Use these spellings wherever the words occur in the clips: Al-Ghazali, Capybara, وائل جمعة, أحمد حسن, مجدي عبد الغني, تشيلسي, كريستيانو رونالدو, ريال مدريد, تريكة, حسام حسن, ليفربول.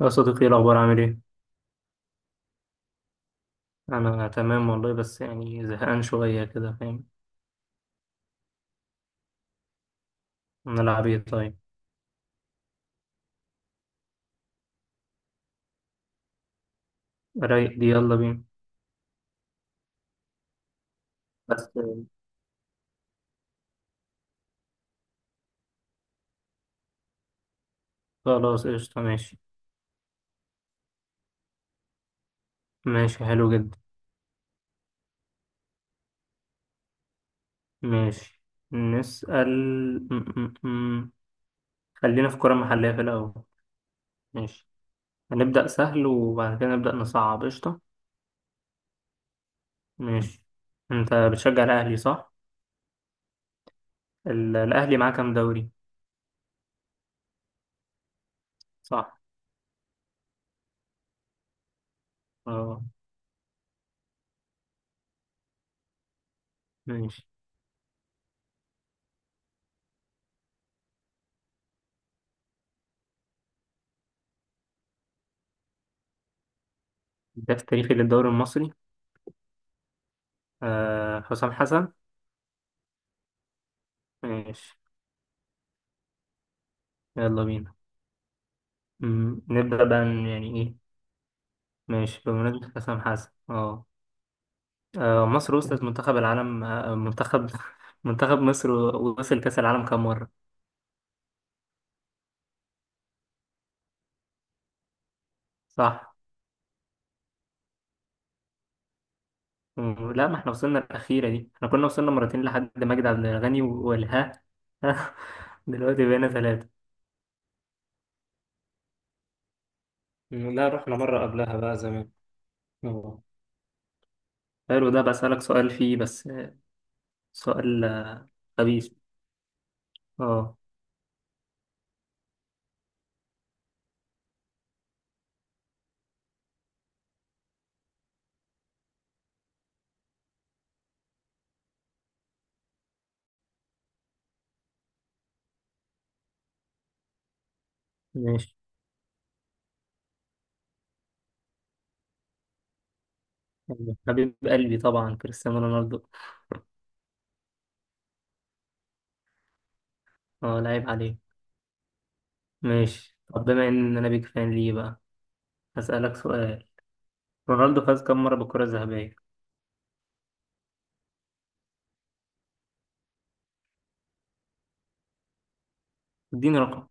يا صديقي، ايه الأخبار، عامل ايه؟ أنا تمام والله، بس يعني زهقان شوية كده، فاهم. نلعب ايه طيب؟ رايق دي، يلا بينا. بس. خلاص، قشطة، ماشي. ماشي، حلو جدا. ماشي، نسأل. م- م- م. خلينا في كرة محلية في الأول. ماشي. هنبدأ سهل وبعد كده نبدأ نصعب، قشطة. ماشي. أنت بتشجع الأهلي، صح؟ الأهلي معاه كام دوري؟ صح، اه. ماشي، الهداف التاريخي للدوري المصري؟ آه، حسام حسن. ماشي، يلا بينا. نبدأ بقى يعني إيه. ماشي، بمناسبة حسام حسن، مصر وصلت منتخب العالم، منتخب منتخب مصر وصل كأس العالم كام مرة؟ صح. لا، ما احنا وصلنا الأخيرة دي، احنا كنا وصلنا مرتين لحد مجدي عبد الغني والها. دلوقتي بقينا ثلاثة. لا، رحنا مرة قبلها بقى زمان. أه. حلو ده، بسألك سؤال فيه بس سؤال. خبيث، أه. ماشي، حبيب قلبي طبعا كريستيانو رونالدو. أه، لعيب عليه. ماشي، طب بما ان انا بيك فان ليه بقى، هسألك سؤال. رونالدو فاز كم مرة بالكرة الذهبية؟ اديني رقم.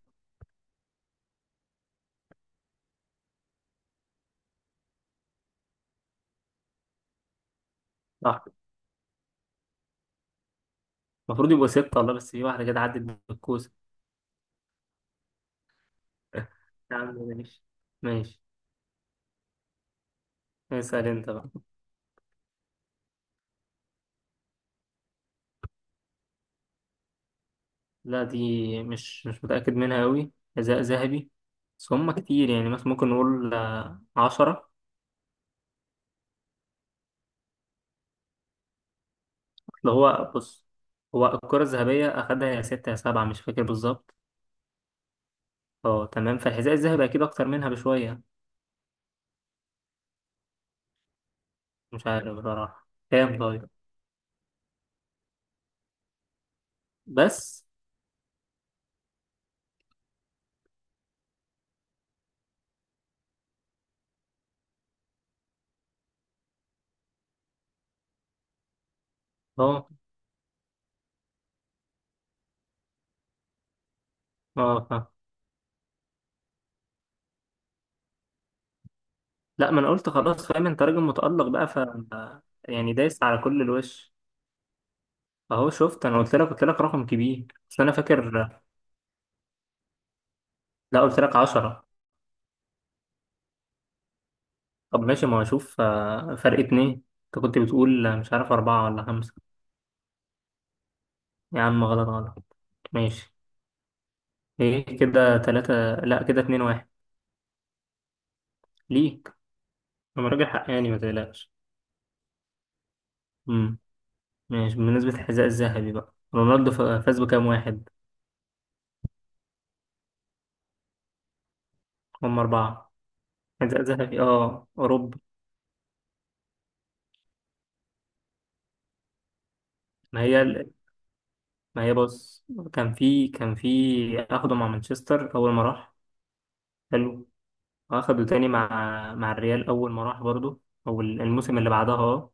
صح. المفروض يبقوا ستة والله، بس في واحدة كده عدت بالكوسة. يا عم ماشي. ماشي، اسأل انت بقى. لا دي، مش متأكد منها أوي، حذاء ذهبي. بس هما كتير، يعني مثلا ممكن نقول 10. أصل هو بص، هو الكرة الذهبية أخدها يا ستة يا سبعة، مش فاكر بالظبط. اه تمام، فالحذاء الذهبي أكيد أكتر منها بشوية. مش عارف بصراحة كام طيب. بس. اه. اه، فاهم. لا، ما انا قلت خلاص فاهم، انت راجل متألق بقى. يعني دايس على كل الوش. اهو شفت، انا قلت لك رقم كبير، بس انا فاكر. لا، قلت لك 10. طب ماشي، ما اشوف فرق اتنين. انت كنت بتقول مش عارف اربعة ولا خمسة. يا عم، غلط غلط. ماشي، ايه كده، تلاتة؟ لا، كده اتنين واحد. ليك. انا راجل حقاني، ما تقلقش. امم ماشي، بالنسبة للحذاء الذهبي بقى، رونالدو فاز بكام واحد؟ هم اربعة، حذاء ذهبي، اه، اوروبا. ما هي، ما هي بص، كان في اخده مع مانشستر اول ما راح، حلو، واخده تاني مع مع الريال اول ما راح برضه، او الموسم اللي بعدها، اه.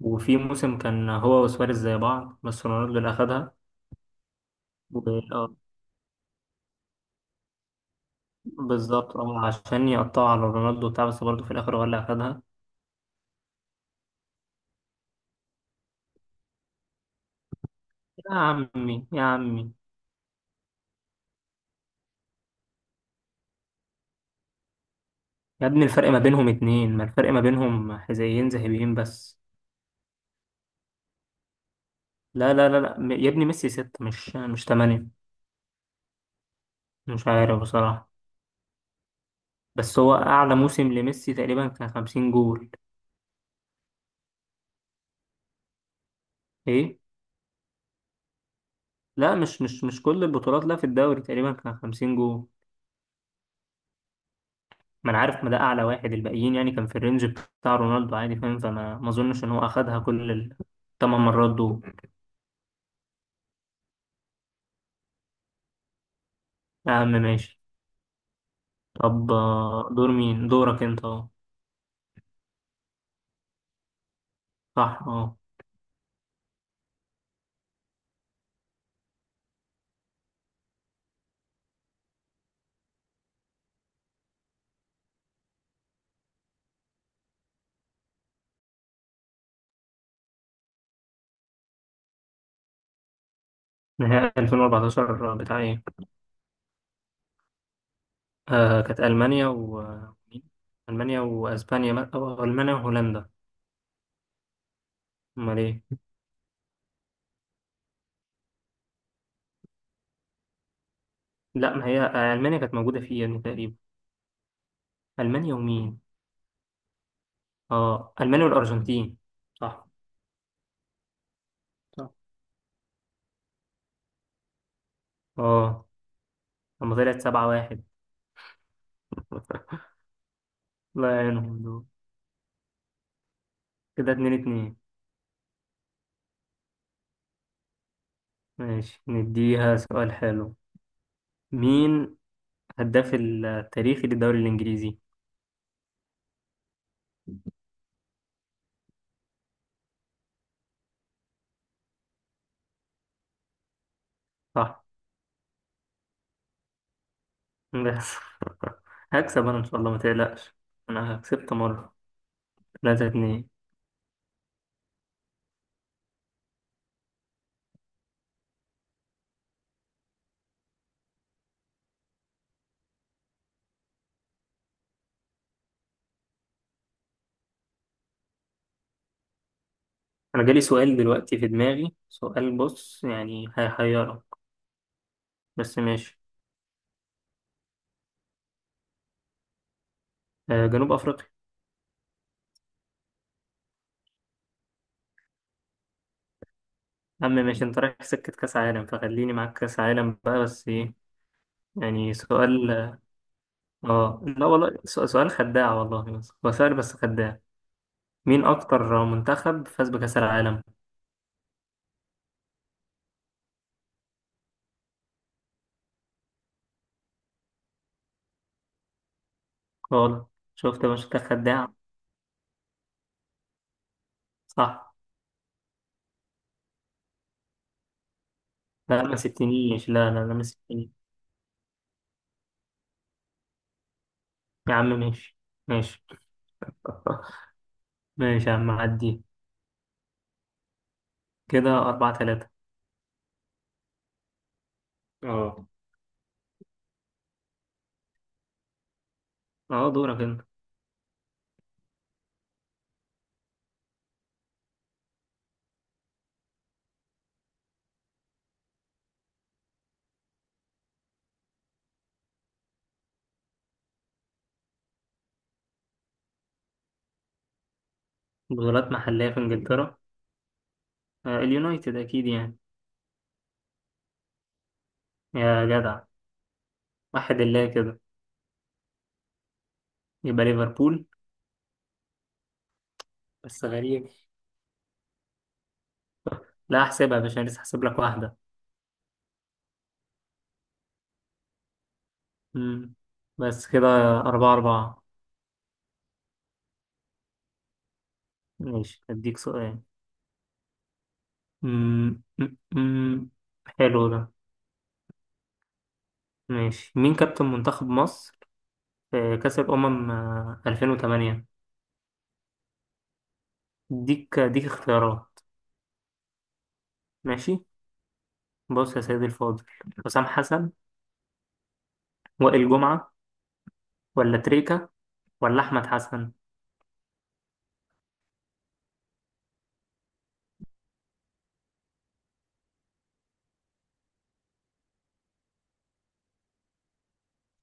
وفي موسم كان هو وسواريز زي بعض، بس رونالدو اللي اخدها. و- آه، بالظبط، اه، عشان يقطعوا على رونالدو بتاع، بس برضه في الاخر هو اللي اخدها. يا عمي يا عمي، يا ابني الفرق ما بينهم اتنين، ما الفرق ما بينهم حذائيين ذهبيين بس. لا لا لا لا، يا ابني ميسي ستة، مش تمانية. مش عارف بصراحة، بس هو اعلى موسم لميسي تقريبا كان 50 جول. ايه؟ لا، مش كل البطولات، لا في الدوري تقريبا كان 50 جول. ما انا عارف، ما ده اعلى واحد، الباقيين يعني كان في الرينج بتاع رونالدو عادي، فاهم، فما ما اظنش ان هو اخدها كل الثمان مرات دول. اهم ماشي. طب دورك انت، اه. صح، اه. نهائي 2014 بتاع ايه؟ آه كانت المانيا و، مين؟ المانيا واسبانيا، او المانيا وهولندا؟ امال ايه؟ لا، ما هي المانيا كانت موجوده فيه يعني تقريبا. المانيا ومين؟ اه، المانيا والارجنتين. صح. صح، اه، لما طلعت سبعة واحد. الله يعينهم دول. كده اتنين اتنين. ماشي، نديها سؤال حلو، مين هداف التاريخي للدوري الإنجليزي؟ صح. بس هكسب أنا إن شاء الله، ما تقلقش. أنا كسبت مرة. تلاتة اتنين. أنا جالي سؤال دلوقتي في دماغي، سؤال بص يعني هيحيرك. بس ماشي. آه، جنوب أفريقيا. يا عم ماشي، أنت رايح في سكة كأس عالم فخليني معاك كأس عالم بقى، بس إيه؟ يعني سؤال. اه لا والله، سؤال خداع والله، بس هو سؤال بس خداع. مين اكتر منتخب فاز بكأس العالم؟ غلط، شفت يا باشا، ده خداع. صح. لا ما سبتنيش، لا لا لا ما سبتنيش. يا عم ماشي. ماشي. ماشي يا عم عدي. كده أربعة تلاتة. اه. اه، دورك انت. بطولات محلية في انجلترا؟ آه، اليونايتد اكيد يعني. يا جدع. واحد الله كده. يبقى ليفربول. بس غريب. لا احسبها يا باشا، لسه هحسب لك واحدة. مم. بس كده، أربعة أربعة. ماشي أديك سؤال. مم، مم، مم. حلو ده. ماشي، مين كابتن منتخب مصر في كأس الأمم 2008؟ ديك اختيارات. ماشي. بص يا سيدي الفاضل، حسام حسن، وائل جمعة، ولا تريكة، ولا أحمد حسن؟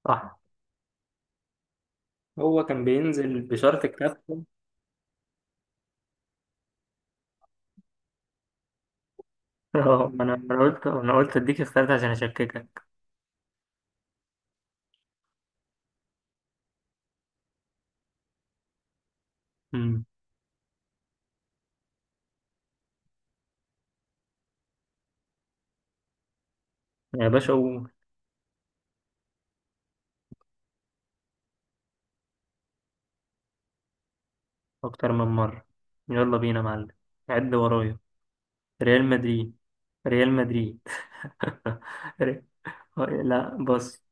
صح. هو كان بينزل بشرط كابتن. اه، أنا قلت أديك اختيارات عشان أشككك. أمم. يا باشا قول. أكتر من مرة. يلا بينا يا معلم، عد ورايا. ريال مدريد. ريال مدريد. ري- لا بص،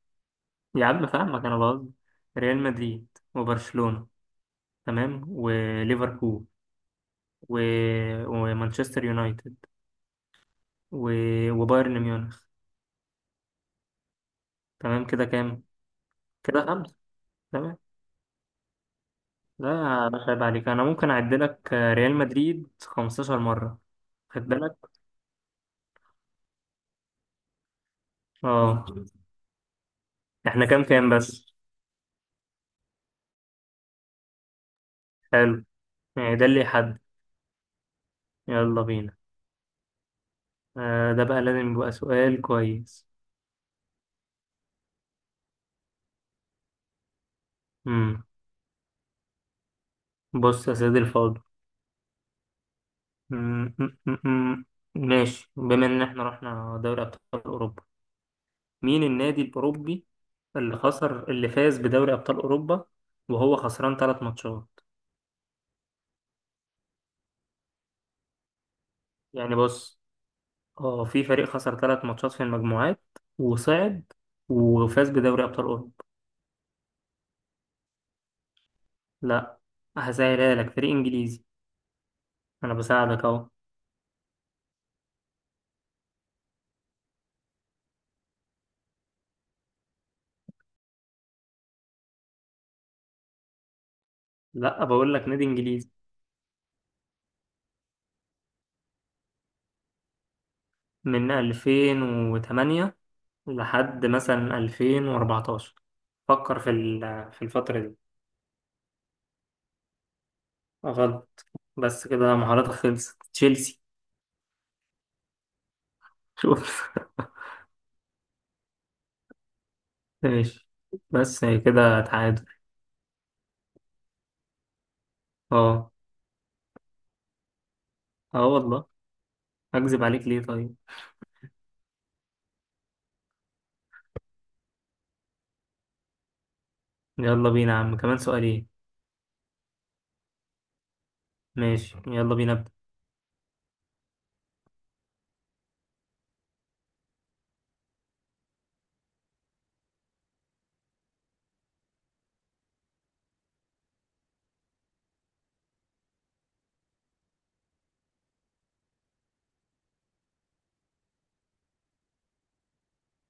يا عم فاهمك، انا بقصد ريال مدريد، وبرشلونة، تمام، وليفربول، و... ومانشستر يونايتد، و... وبايرن ميونخ. تمام، كده كام؟ كده خمسة. تمام. لا، يا باشا عيب عليك، انا ممكن اعد لك ريال مدريد 15 مرة. خد بالك. اه. احنا كام كام بس؟ حلو، يعني ده اللي يحدد. يلا بينا. آه، ده بقى لازم يبقى سؤال كويس. امم. بص يا سيدي الفاضل. م- م- م- م. ماشي، بما ان احنا رحنا دوري ابطال اوروبا، مين النادي الاوروبي اللي فاز بدوري ابطال اوروبا وهو خسران ثلاث ماتشات؟ يعني بص، اه، في فريق خسر ثلاث ماتشات في المجموعات، وصعد وفاز بدوري ابطال اوروبا. لا. هسهلها لك، فريق انجليزي. انا بساعدك اهو. لا، بقول لك نادي انجليزي، من 2008 لحد مثلا 2014، فكر في في الفترة دي. غلط. بس كده مهاراتك خلصت. تشيلسي. شوف. ماشي. بس هي كده تعادل، اه. اه والله، اكذب عليك ليه طيب. يلا بينا يا عم، كمان سؤالين. ماشي، يلا بينا ابدا.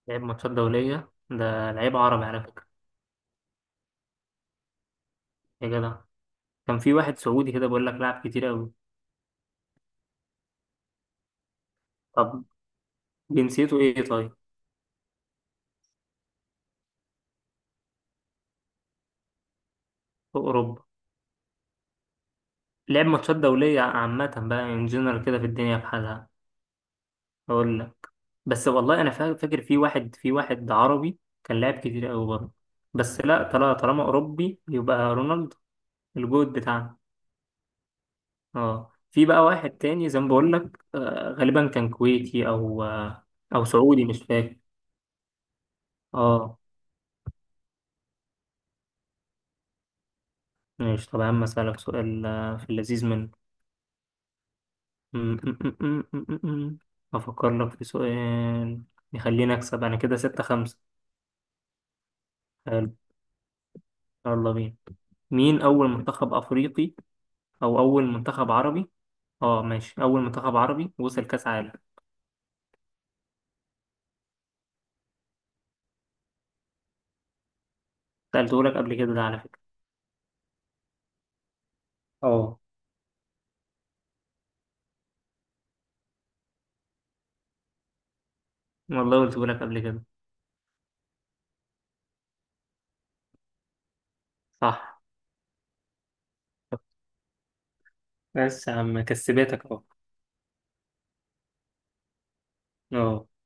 لعب ماتشات دولية، ده لعيب عربي على فكرة. يا جدع، كان في واحد سعودي كده بيقول لك لعب كتير قوي. طب جنسيته ايه طيب، في اوروبا؟ لعب ماتشات دولية عامة بقى، ان جنرال كده، في الدنيا بحالها، اقول لك. بس والله انا فاكر في واحد عربي كان لاعب كتير قوي برضه. بس لا، طالما اوروبي يبقى رونالدو، الجود بتاعنا. اه، في بقى واحد تاني زي ما بقول لك، غالبا كان كويتي، او او سعودي مش فاكر. اه. ماشي، طب يا عم اسالك سؤال في اللذيذ منه. م- م- م- م- م- م- م. افكر لك في سؤال يخليني اكسب انا، كده ستة خمسة. حلو، يلا بينا. مين اول منتخب افريقي او اول منتخب عربي، اه ماشي، اول منتخب عربي وصل كاس عالم؟ سالته لك قبل كده ده على فكره. اه والله قلته لك قبل كده. صح. بس يا عم كسبتك اهو. اه.